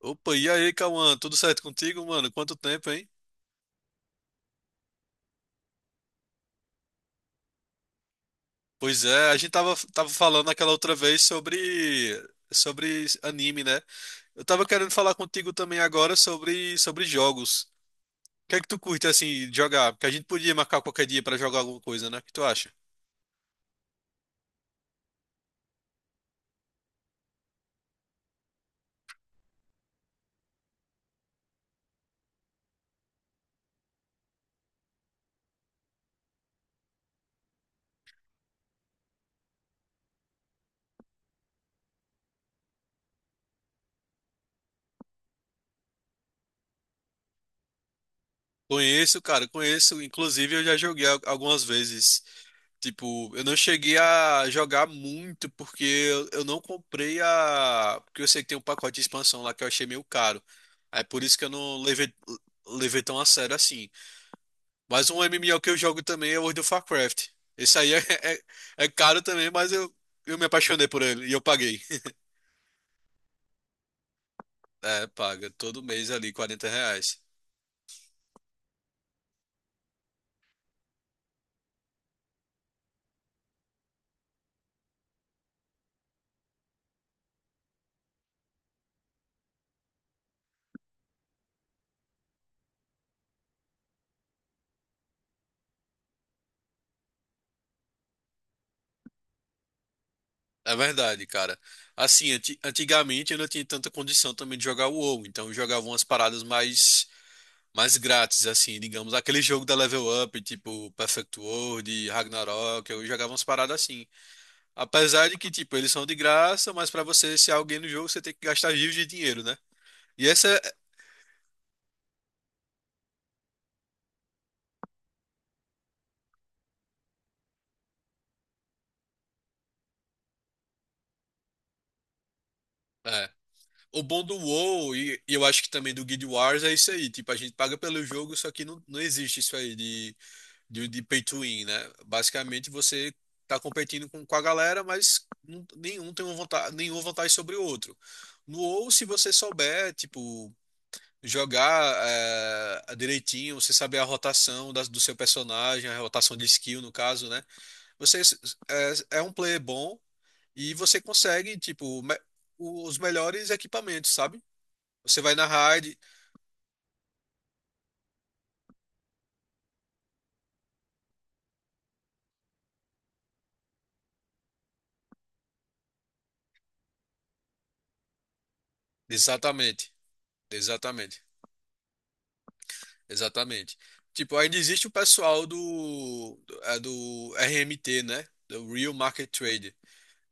Opa, e aí, Cauã? Tudo certo contigo, mano? Quanto tempo, hein? Pois é, a gente tava falando aquela outra vez sobre anime, né? Eu tava querendo falar contigo também agora sobre jogos. O que é que tu curte, assim, de jogar? Porque a gente podia marcar qualquer dia pra jogar alguma coisa, né? O que tu acha? Conheço, cara, conheço. Inclusive, eu já joguei algumas vezes. Tipo, eu não cheguei a jogar muito porque eu não comprei a. Porque eu sei que tem um pacote de expansão lá que eu achei meio caro. Aí por isso que eu não levei, levei tão a sério assim. Mas um MMO que eu jogo também é World of Warcraft. Esse aí é caro também, eu me apaixonei por ele e eu paguei. É, paga todo mês ali 40 reais. É verdade, cara. Assim, antigamente eu não tinha tanta condição também de jogar o WoW, então eu jogava umas paradas mais mais grátis, assim, digamos, aquele jogo da Level Up, tipo Perfect World, Ragnarok, eu jogava umas paradas assim. Apesar de que, tipo, eles são de graça, mas pra você ser alguém no jogo, você tem que gastar rios de dinheiro, né? E essa é, é, o bom do WoW e eu acho que também do Guild Wars é isso aí, tipo, a gente paga pelo jogo, só que não existe isso aí de pay to win, né? Basicamente você tá competindo com a galera, mas nenhum tem uma vantagem, nenhuma vantagem sobre o outro. No WoW, se você souber, tipo, jogar direitinho, você saber a rotação do seu personagem, a rotação de skill, no caso, né? Você é um player bom e você consegue, tipo, os melhores equipamentos, sabe? Você vai na raid. Exatamente, exatamente, exatamente. Tipo, ainda existe o pessoal do RMT, né? Do Real Market Trade,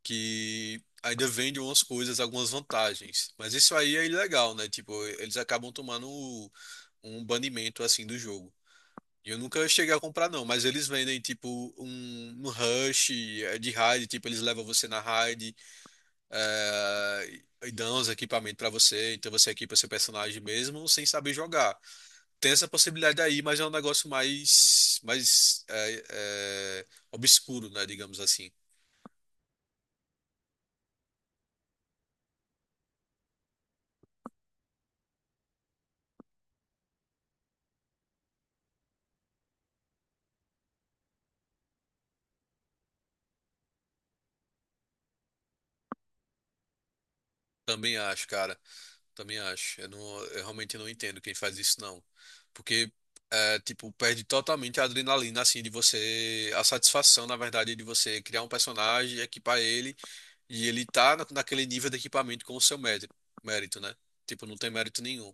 que ainda vende umas coisas, algumas vantagens. Mas isso aí é ilegal, né? Tipo, eles acabam tomando um banimento assim do jogo. E eu nunca cheguei a comprar, não, mas eles vendem tipo um rush de raid, tipo, eles levam você na raid e dão os equipamentos pra você, então você equipa seu personagem mesmo sem saber jogar. Tem essa possibilidade aí, mas é um negócio mais obscuro, né, digamos assim. Também acho, cara. Também acho. Eu realmente não entendo quem faz isso, não. Porque tipo, perde totalmente a adrenalina, assim, de você... A satisfação, na verdade, de você criar um personagem, equipar ele, e ele tá naquele nível de equipamento com o seu mérito, mérito, né? Tipo, não tem mérito nenhum.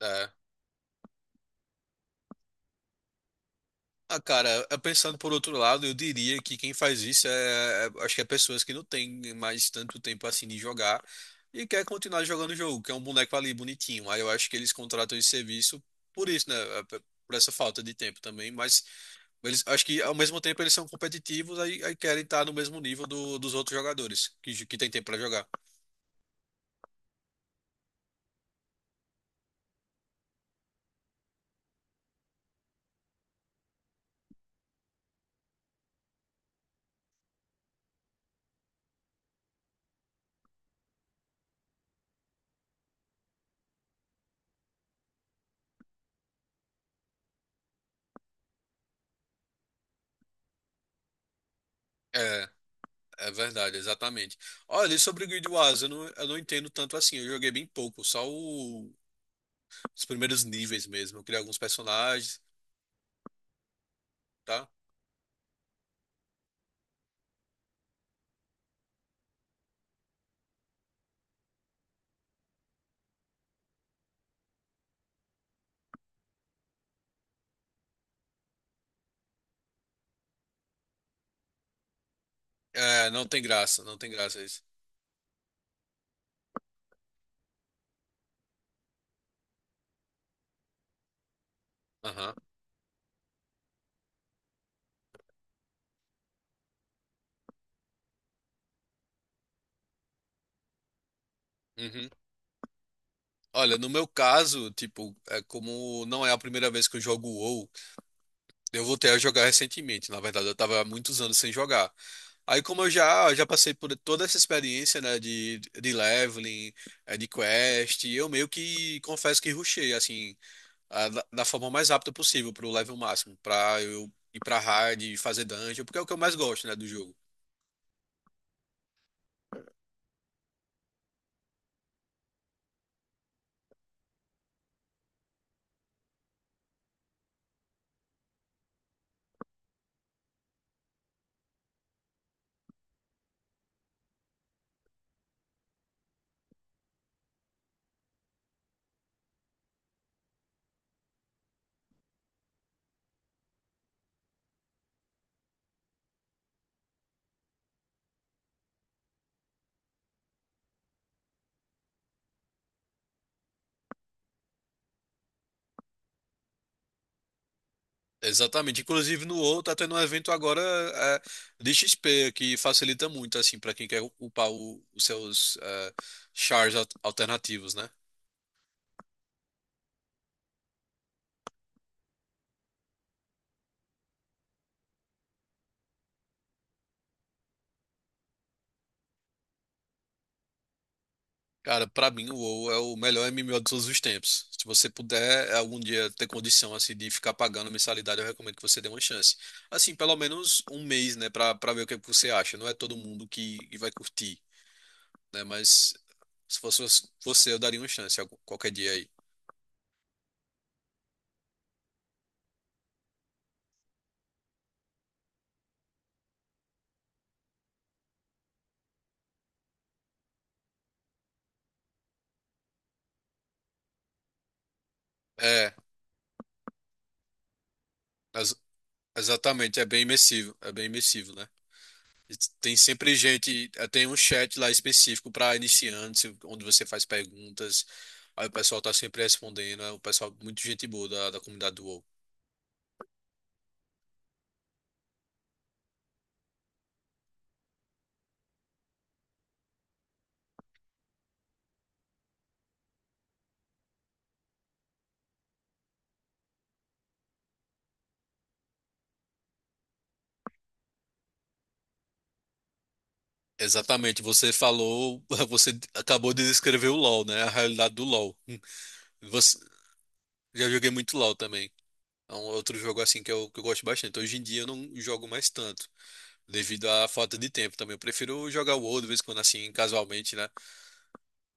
É. Ah, cara, pensando por outro lado, eu diria que quem faz isso acho que é pessoas que não têm mais tanto tempo assim de jogar e quer continuar jogando o jogo, que é um boneco ali bonitinho. Aí eu acho que eles contratam esse serviço por isso, né? Por essa falta de tempo também, mas eles acho que ao mesmo tempo eles são competitivos aí, aí querem estar no mesmo nível dos outros jogadores que, que tem tempo pra jogar. É, é verdade, exatamente. Olha, e sobre o Guild Wars, eu não entendo tanto assim. Eu joguei bem pouco, só o os primeiros níveis mesmo. Eu criei alguns personagens, tá? É, não tem graça, não tem graça isso. Aham. Uhum. Olha, no meu caso, tipo, é como não é a primeira vez que eu jogo o WoW, eu voltei a jogar recentemente. Na verdade, eu tava há muitos anos sem jogar. Aí, como já passei por toda essa experiência, né, de leveling, de quest, eu meio que confesso que rushei, assim, da forma mais rápida possível pro level máximo, pra eu ir pra hard, fazer dungeon, porque é o que eu mais gosto, né, do jogo. Exatamente. Inclusive no WoW tá tendo um evento agora de XP que facilita muito assim para quem quer upar os seus chars alternativos, né? Cara, pra mim o WoW é o melhor MMO de todos os tempos. Se você puder algum dia ter condição assim de ficar pagando mensalidade, eu recomendo que você dê uma chance. Assim, pelo menos um mês, né, pra para ver o que você acha. Não é todo mundo que vai curtir, né? Mas se fosse você, eu daria uma chance qualquer dia aí. É, as- Exatamente, é bem imersivo, né? E tem sempre gente, tem um chat lá específico para iniciantes, onde você faz perguntas, aí o pessoal tá sempre respondendo, é um pessoal muito gente boa da comunidade do WoW. Exatamente, você falou, você acabou de descrever o LoL, né? A realidade do LoL. Você, já joguei muito LoL também. É um outro jogo assim que eu gosto bastante. Hoje em dia eu não jogo mais tanto, devido à falta de tempo também. Eu prefiro jogar o WoW de vez em quando assim, casualmente, né?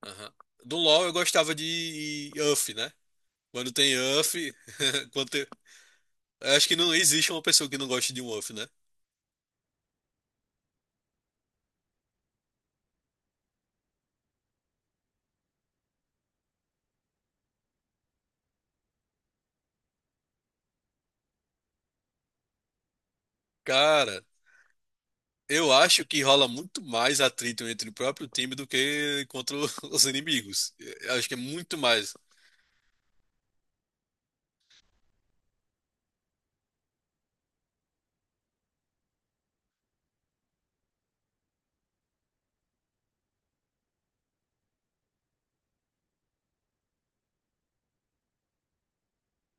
Aham. Do LoL eu gostava de uff, né? Quando tem uff quando tem... eu acho que não existe uma pessoa que não goste de um UF, né? Cara, eu acho que rola muito mais atrito entre o próprio time do que contra os inimigos. Eu acho que é muito mais.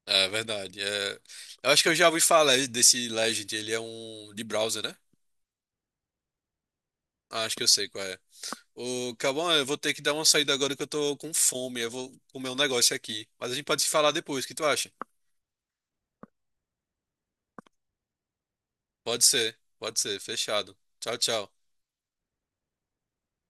É verdade. É... Eu acho que eu já ouvi falar desse Legend, ele é um de browser, né? Ah, acho que eu sei qual é. Ô, Cauã, eu vou ter que dar uma saída agora que eu tô com fome. Eu vou comer um negócio aqui. Mas a gente pode se falar depois, o que tu acha? Pode ser, pode ser. Fechado. Tchau, tchau.